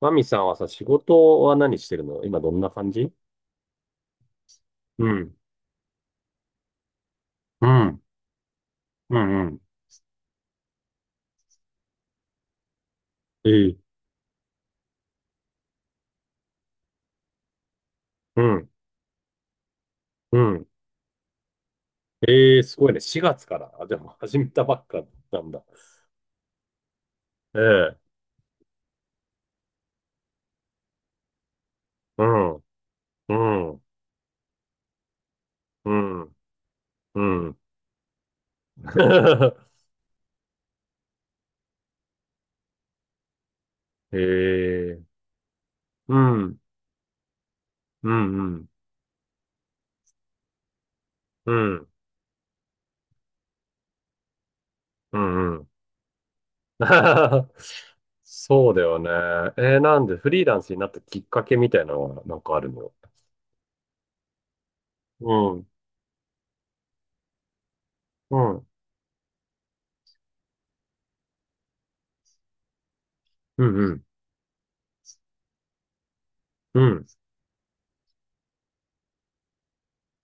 マミさんはさ、仕事は何してるの今どんな感じ？うん。うん。うん。うん。ええ。うん。うん。ええ、すごいね。4月から。あ、でも始めたばっかなんだ。ええ。うん。うん。うん。うん。ええ。うん。うん。うん。うん。うん。うん。 そうだよね。なんでフリーランスになったきっかけみたいなのはなんかあるの？うん。うん。うん。うん。うん。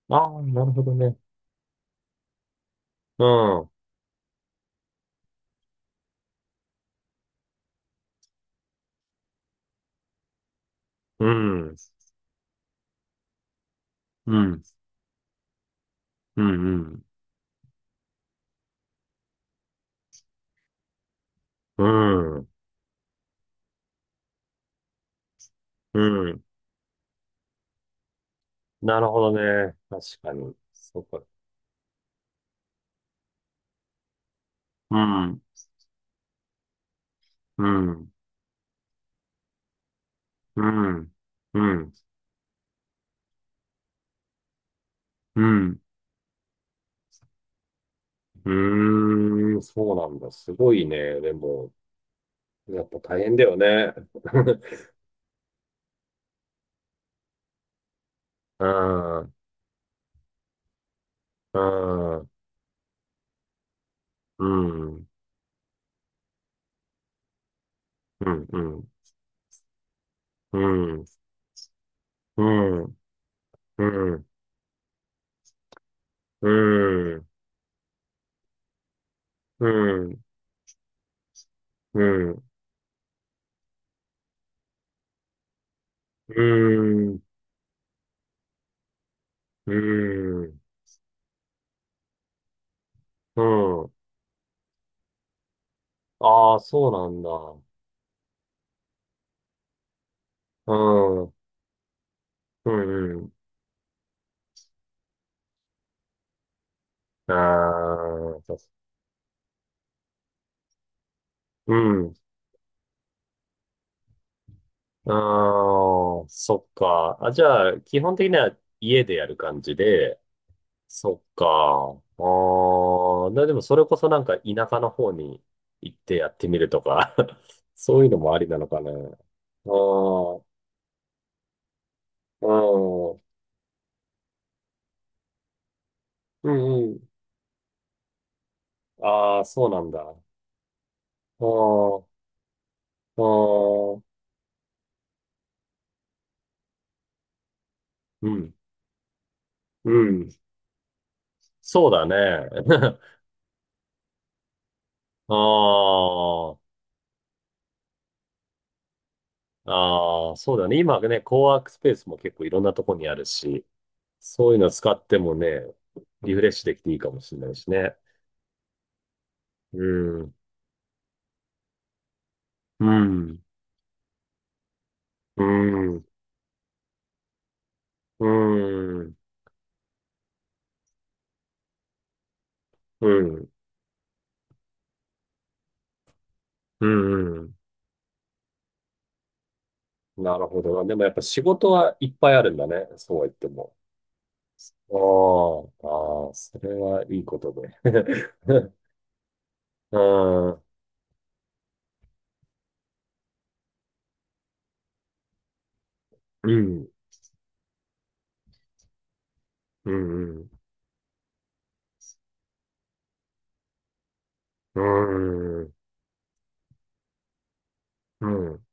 ああ、なるほどね。うん、うん、うん、うん、うん、うん、うん。なるほどね。確かに。そうか。うん、うん、うん、うん、うん。うーん、そうなんだ。すごいね。でも、やっぱ大変だよね。うん、うん、うん、うん、うん、うん、うん、うん、うん、うん、うん、うん、うん、うん。ああ、そうなんだ。うん。うんうん。ああ、そう。うん。ああ、そっか。あ、じゃあ、基本的には家でやる感じで、そっか。ああ、な、でもそれこそなんか田舎の方に行ってやってみるとか。 そういうのもありなのかね。ああ、うん。うんうん。ああ、そうなんだ。ああ、ああ、うん。うん。そうだね。ああ、ああ、そうだね。今ね、コワークスペースも結構いろんなとこにあるし、そういうの使ってもね、リフレッシュできていいかもしれないしね。うん、うん、うん、うん、うん、うん、うん。なるほどな。でもやっぱ仕事はいっぱいあるんだね。そうは言っても。ああ、ああ、それはいいことで。うん、うん、うん、うん、うん。うん。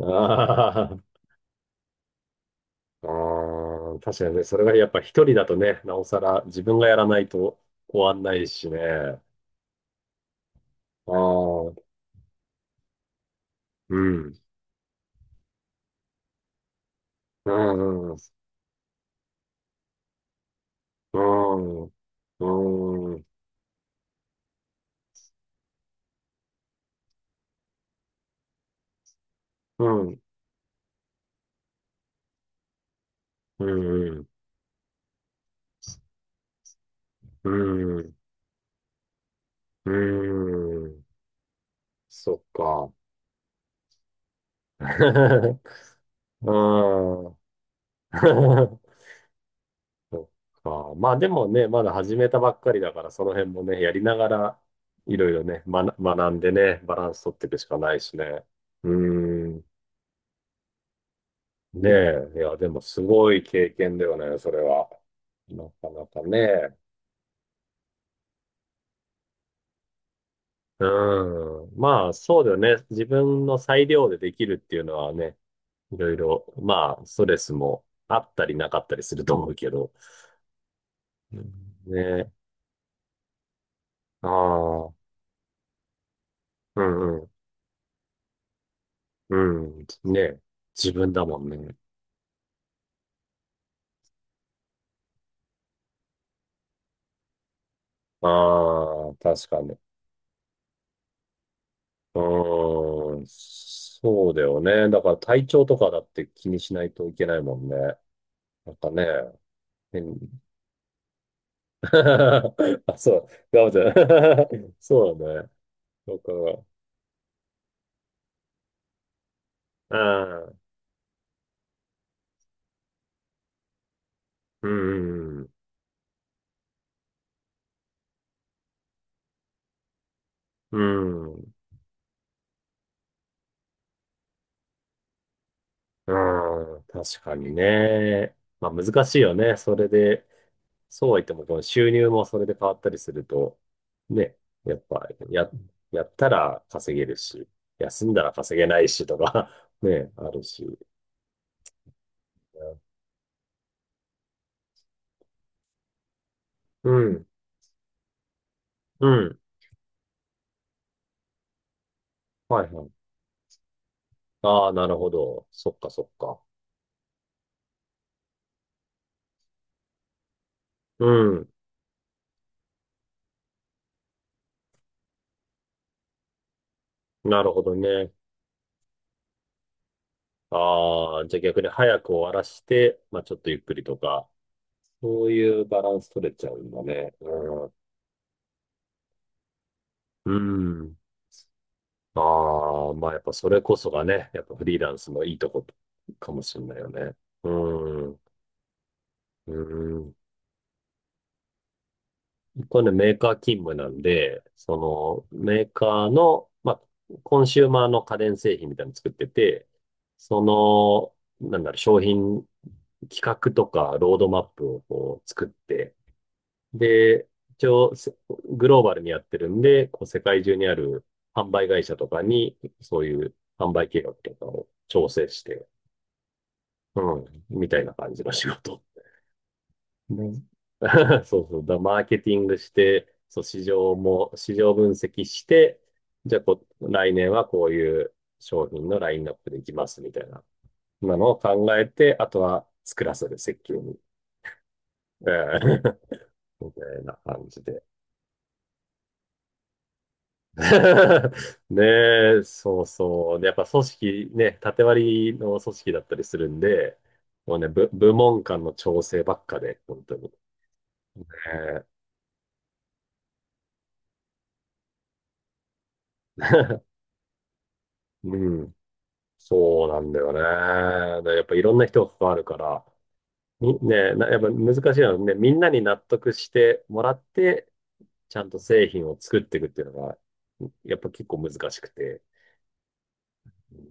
ああ、ああ、確かにね、それがやっぱ一人だとね、なおさら自分がやらないと終わんないしね。ああ、うん、うん、うん、うん、うん、うん、うん、うん、うん、うん。そっか。うん。そっか。まあでもね、まだ始めたばっかりだから、その辺もね、やりながら、いろいろね、学んでね、バランス取っていくしかないしね。うん。ねえ。いや、でもすごい経験だよね、それは。なかなかね。うん。まあ、そうだよね。自分の裁量でできるっていうのはね、いろいろ、まあ、ストレスもあったりなかったりすると思うけど。うんねえ。ああ、うんうん。うん。ねえ。自分だもんね。ああ、確かに。うーん。そうだよね。だから体調とかだって気にしないといけないもんね。なんかね。あ、そう。ガムちゃん。そうだね。そうか。ああ、うん。うん。うん。確かにね。まあ難しいよね。それで、そうは言っても、この収入もそれで変わったりすると、ね。やっぱ、や、やったら稼げるし、休んだら稼げないしとか。 ね、あるし。うん。うん。はいはい。ああ、なるほど。そっかそっか。うん。なるほどね。ああ、じゃあ逆に早く終わらして、まあちょっとゆっくりとか、そういうバランス取れちゃうんだね。うん。うん。ああ、まあやっぱそれこそがね、やっぱフリーランスのいいとこかもしれないよね。うん。うん。これね、メーカー勤務なんで、そのメーカーの、まあ、コンシューマーの家電製品みたいなの作ってて、そなんだろう、商品企画とかロードマップをこう作って、で、一応せ、グローバルにやってるんで、こう世界中にある販売会社とかに、そういう販売計画とかを調整して、うん、みたいな感じの仕事。ね。 そうそう。だ、マーケティングして、そう、市場分析して、じゃあこ、来年はこういう商品のラインナップでいきますみたいな、なのを考えて、あとは作らせる、設計に。うん。 みたいな感じで。ねえ、そうそう。で、やっぱ組織ね、縦割りの組織だったりするんで、もうね、部門間の調整ばっかで、本当に。ねえ。 うん。そうなんだよね。でやっぱいろんな人が関わるから、み、ねなやっぱ難しいのはね、みんなに納得してもらって、ちゃんと製品を作っていくっていうのが、やっぱ結構難しくて。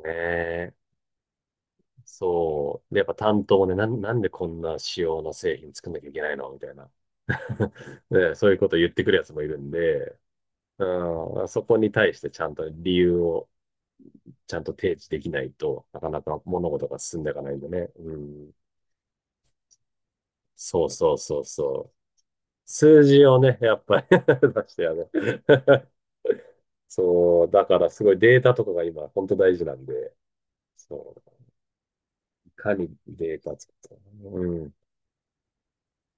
ね。そう。で、やっぱ担当もね、なんでこんな仕様の製品作んなきゃいけないのみたいな。ね、そういうことを言ってくるやつもいるんで、うん、そこに対してちゃんと提示できないとなかなか物事が進んでいかないんでね。うん、そうそうそうそう。数字をね、やっぱり 出してやる。そう、だからすごいデータとかが今本当大事なんで、そう、いかにデータ作って、うん、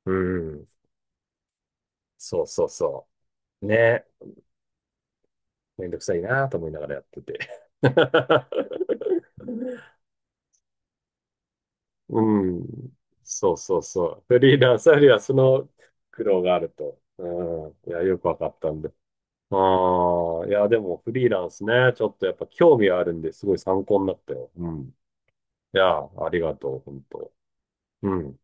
うん、そうそうそう。ね、めんどくさいなと思いながらやってて。うん。そうそうそう。フリーランスよりはその苦労があると。うん。いや、よくわかったんで。ああ、いや、でもフリーランスね、ちょっとやっぱ興味はあるんですごい参考になったよ。うん。いや、ありがとう、本当。うん。